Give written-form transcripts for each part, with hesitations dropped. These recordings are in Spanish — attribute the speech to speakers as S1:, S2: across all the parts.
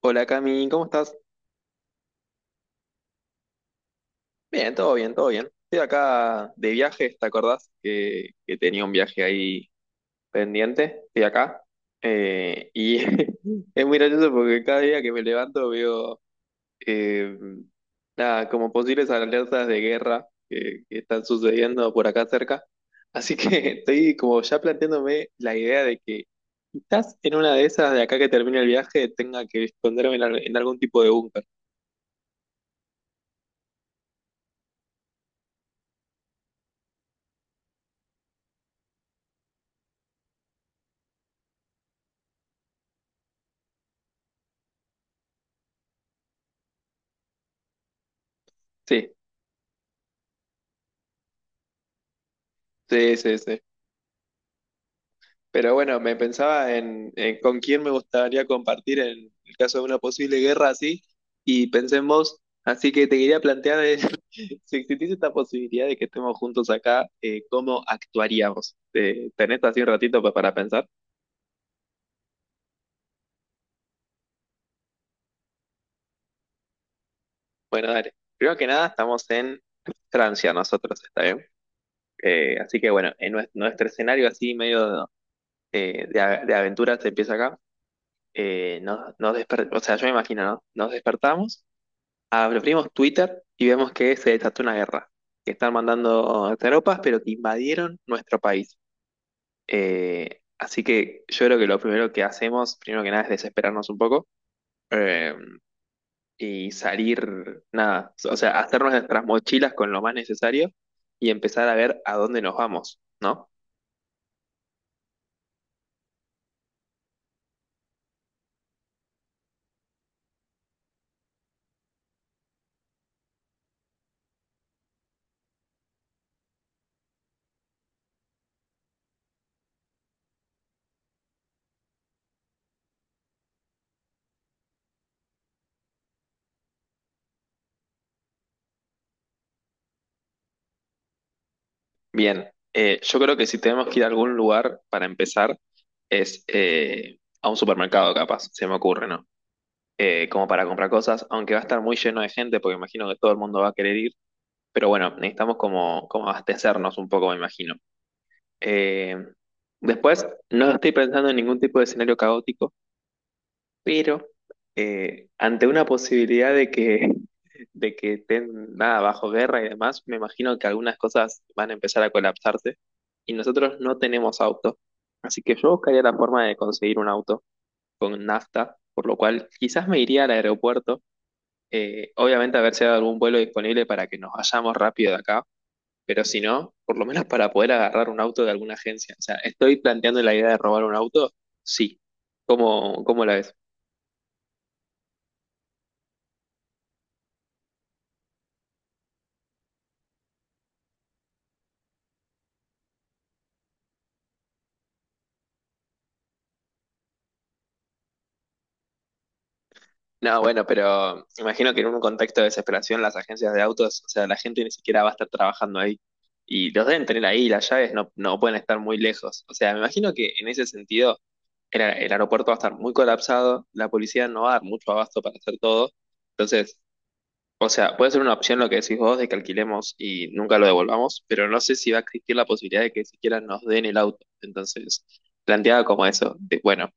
S1: Hola, Cami, ¿cómo estás? Bien, todo bien, todo bien. Estoy acá de viaje. ¿Te acordás que tenía un viaje ahí pendiente? Estoy acá. Y es muy gracioso porque cada día que me levanto veo eh, nada, como posibles alertas de guerra que están sucediendo por acá cerca. Así que estoy como ya planteándome la idea de que quizás en una de esas de acá que termine el viaje tenga que esconderme en algún tipo de búnker. Sí, sí, sí, sí. Pero bueno, me pensaba en con quién me gustaría compartir en el caso de una posible guerra así, y pensé en vos, así que te quería plantear, si existiese esta posibilidad de que estemos juntos acá, ¿cómo actuaríamos? ¿Tenés así un ratito para pensar? Bueno, dale. Primero que nada, estamos en Francia nosotros, ¿está bien? Así que bueno, en nuestro escenario así medio de aventuras empieza acá. O sea, yo me imagino, ¿no? Nos despertamos, abrimos Twitter y vemos que se desató una guerra, que están mandando tropas, pero que invadieron nuestro país. Así que yo creo que lo primero que hacemos, primero que nada, es desesperarnos un poco, eh, y salir, nada, o sea, hacernos nuestras mochilas con lo más necesario y empezar a ver a dónde nos vamos, ¿no? Bien, yo creo que si tenemos que ir a algún lugar para empezar, es a un supermercado, capaz, se me ocurre, ¿no? Eh, como para comprar cosas, aunque va a estar muy lleno de gente porque imagino que todo el mundo va a querer ir, pero bueno, necesitamos como abastecernos un poco, me imagino. Eh, después, no estoy pensando en ningún tipo de escenario caótico, pero ante una posibilidad de que, de que estén, nada, bajo guerra y demás, me imagino que algunas cosas van a empezar a colapsarse y nosotros no tenemos auto. Así que yo buscaría la forma de conseguir un auto con nafta, por lo cual quizás me iría al aeropuerto, obviamente haber sido algún vuelo disponible para que nos vayamos rápido de acá, pero si no, por lo menos para poder agarrar un auto de alguna agencia. O sea, ¿estoy planteando la idea de robar un auto? Sí. ¿Cómo, cómo la ves? No, bueno, pero imagino que en un contexto de desesperación las agencias de autos, o sea, la gente ni siquiera va a estar trabajando ahí. Y los deben tener ahí, las llaves no, no pueden estar muy lejos. O sea, me imagino que en ese sentido el aeropuerto va a estar muy colapsado, la policía no va a dar mucho abasto para hacer todo. Entonces, o sea, puede ser una opción lo que decís vos de que alquilemos y nunca lo devolvamos, pero no sé si va a existir la posibilidad de que siquiera nos den el auto. Entonces, planteaba como eso, de, bueno,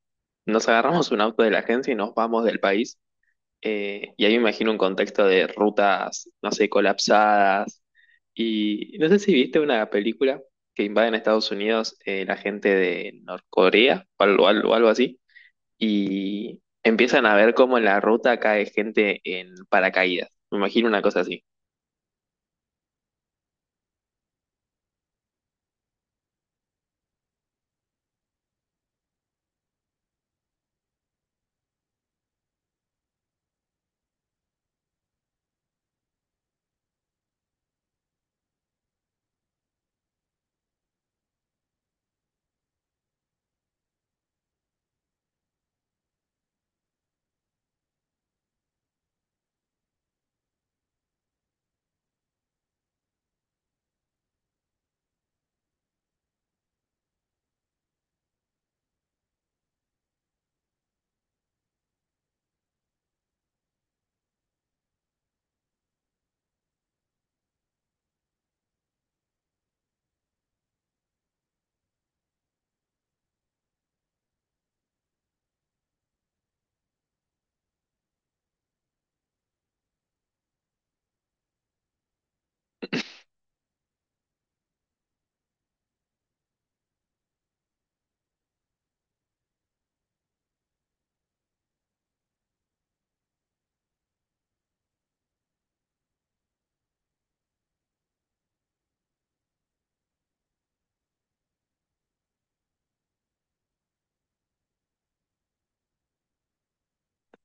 S1: nos agarramos un auto de la agencia y nos vamos del país, y ahí me imagino un contexto de rutas, no sé, colapsadas. Y no sé si viste una película que invade en Estados Unidos, la gente de Norcorea o algo, algo así, y empiezan a ver cómo en la ruta cae gente en paracaídas. Me imagino una cosa así.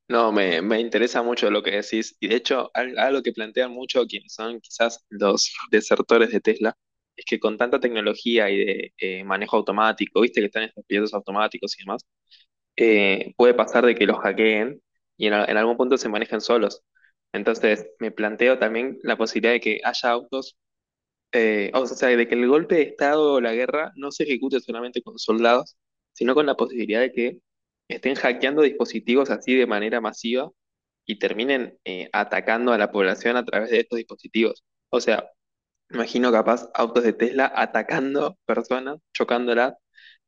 S1: No, me interesa mucho lo que decís, y de hecho algo que plantean mucho quienes son quizás los desertores de Tesla es que con tanta tecnología y de, manejo automático, viste que están estos pilotos automáticos y demás, puede pasar de que los hackeen y en algún punto se manejen solos. Entonces me planteo también la posibilidad de que haya autos. O sea, de que el golpe de Estado o la guerra no se ejecute solamente con soldados, sino con la posibilidad de que estén hackeando dispositivos así de manera masiva y terminen, atacando a la población a través de estos dispositivos. O sea, imagino capaz autos de Tesla atacando personas, chocándolas,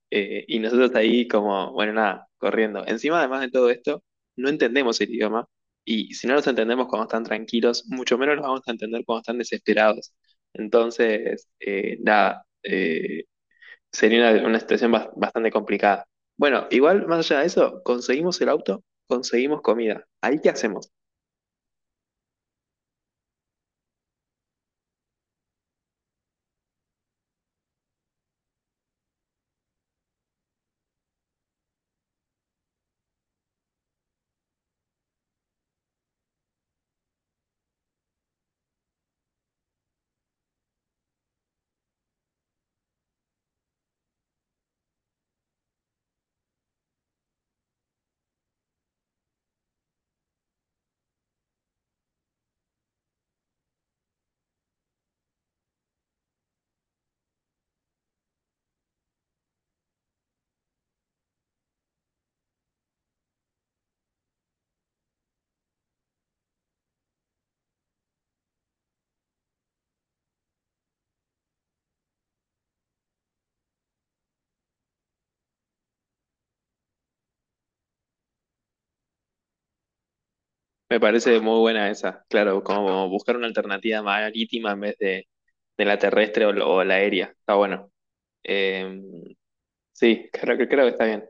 S1: y nosotros ahí como, bueno, nada, corriendo. Encima, además de todo esto, no entendemos el idioma, y si no los entendemos cuando están tranquilos, mucho menos los vamos a entender cuando están desesperados. Entonces, nada, sería una situación bastante complicada. Bueno, igual, más allá de eso, conseguimos el auto, conseguimos comida. ¿Ahí qué hacemos? Me parece muy buena esa, claro, como buscar una alternativa marítima en vez de la terrestre o la aérea. Está bueno. Eh, sí, creo que está bien.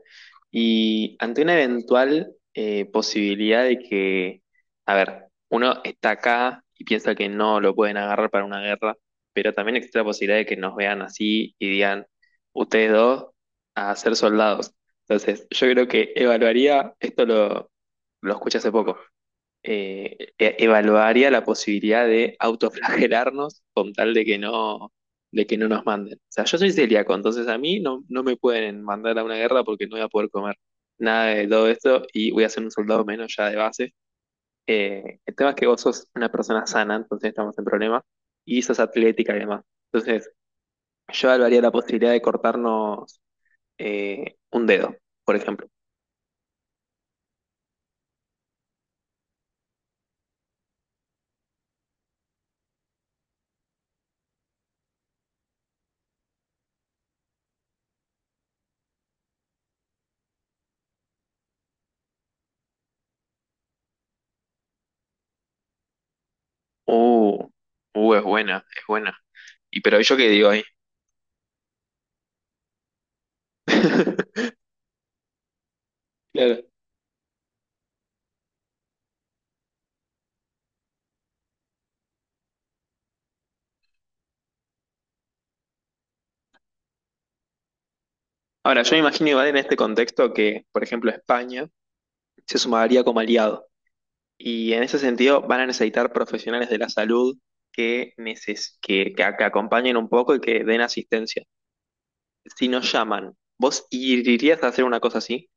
S1: Y ante una eventual, posibilidad de que, a ver, uno está acá y piensa que no lo pueden agarrar para una guerra, pero también existe la posibilidad de que nos vean así y digan, ustedes dos, a ser soldados. Entonces, yo creo que evaluaría, lo escuché hace poco, evaluaría la posibilidad de autoflagelarnos con tal de que no nos manden. O sea, yo soy celíaco, entonces a mí no, no me pueden mandar a una guerra porque no voy a poder comer nada de todo esto y voy a ser un soldado menos ya de base. El tema es que vos sos una persona sana, entonces estamos en problema, y sos atlética y demás. Entonces, yo evaluaría la posibilidad de cortarnos, un dedo, por ejemplo. Uh, es buena, es buena. ¿Y pero yo qué digo ahí? Claro. Ahora, yo me imagino igual en este contexto que, por ejemplo, España se sumaría como aliado. Y en ese sentido van a necesitar profesionales de la salud que, que acompañen un poco y que den asistencia. Si nos llaman, ¿vos irías a hacer una cosa así?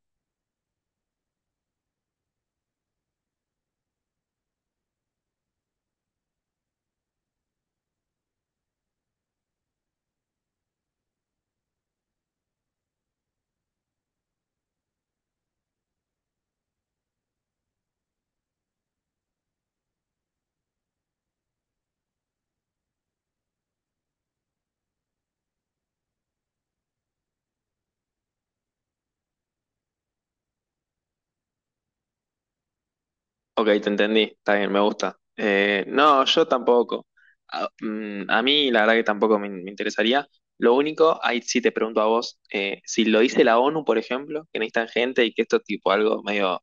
S1: Ok, te entendí, está bien, me gusta. No, yo tampoco. A, mm, a mí la verdad que tampoco me, me interesaría. Lo único, ahí sí te pregunto a vos, ¿si lo dice la ONU, por ejemplo, que necesitan gente y que esto es tipo algo medio,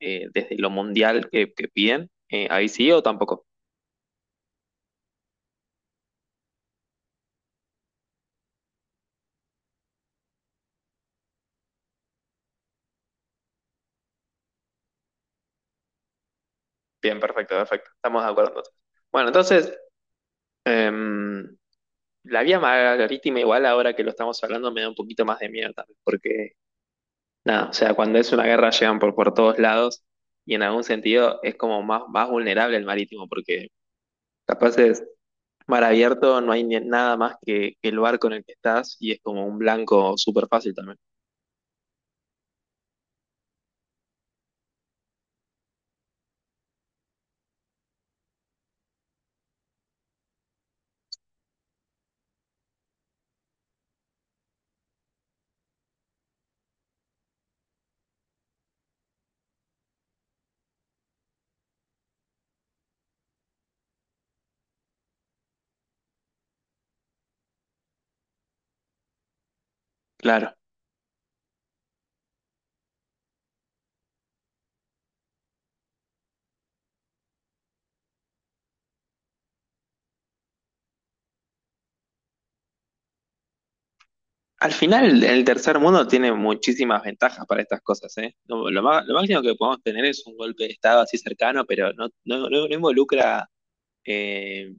S1: desde lo mundial que piden? ¿Ahí sí o tampoco? Bien, perfecto, perfecto. Estamos de acuerdo entonces. Bueno, entonces, em, la vía marítima igual ahora que lo estamos hablando me da un poquito más de miedo también, porque nada, o sea, cuando es una guerra llegan por todos lados, y en algún sentido es como más, más vulnerable el marítimo, porque capaz es mar abierto, no hay nada más que el barco en el que estás y es como un blanco súper fácil también. Claro. Al final, el tercer mundo tiene muchísimas ventajas para estas cosas, ¿eh? Lo máximo que podemos tener es un golpe de Estado así cercano, pero no involucra, eh,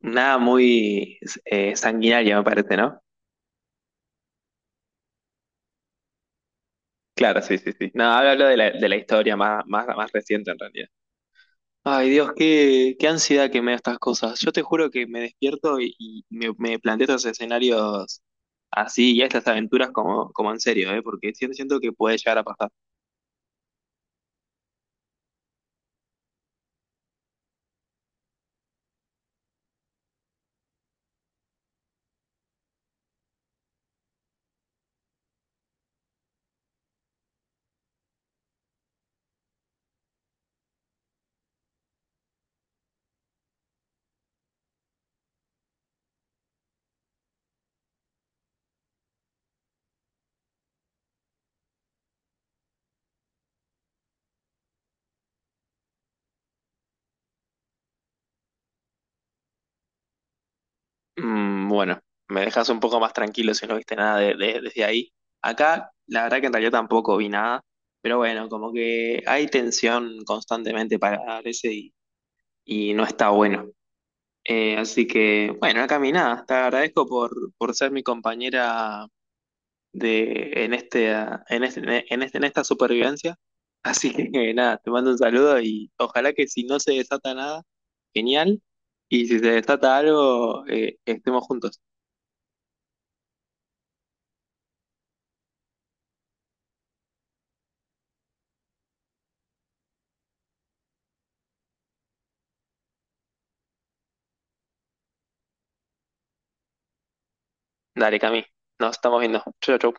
S1: nada muy, sanguinario, me parece, ¿no? Claro, sí, sí, sí. No, hablo, hablo de la historia más, más, más reciente en realidad. Ay, Dios, qué, qué ansiedad que me da estas cosas. Yo te juro que me despierto y me planteo estos escenarios así y estas aventuras como, como en serio, ¿eh? Porque siento que puede llegar a pasar. Mm, bueno, me dejas un poco más tranquilo si no viste nada desde ahí. Acá, la verdad que en realidad tampoco vi nada, pero bueno, como que hay tensión constantemente para ese, y no está bueno. Así que, bueno, acá mi, nada, te agradezco por ser mi compañera de, en este, ah, en este- en este- en esta supervivencia. Así que nada, te mando un saludo y ojalá que si no se desata nada, genial. Y si se desata algo, estemos juntos. Dale, Cami. Nos estamos viendo. Chau, chau.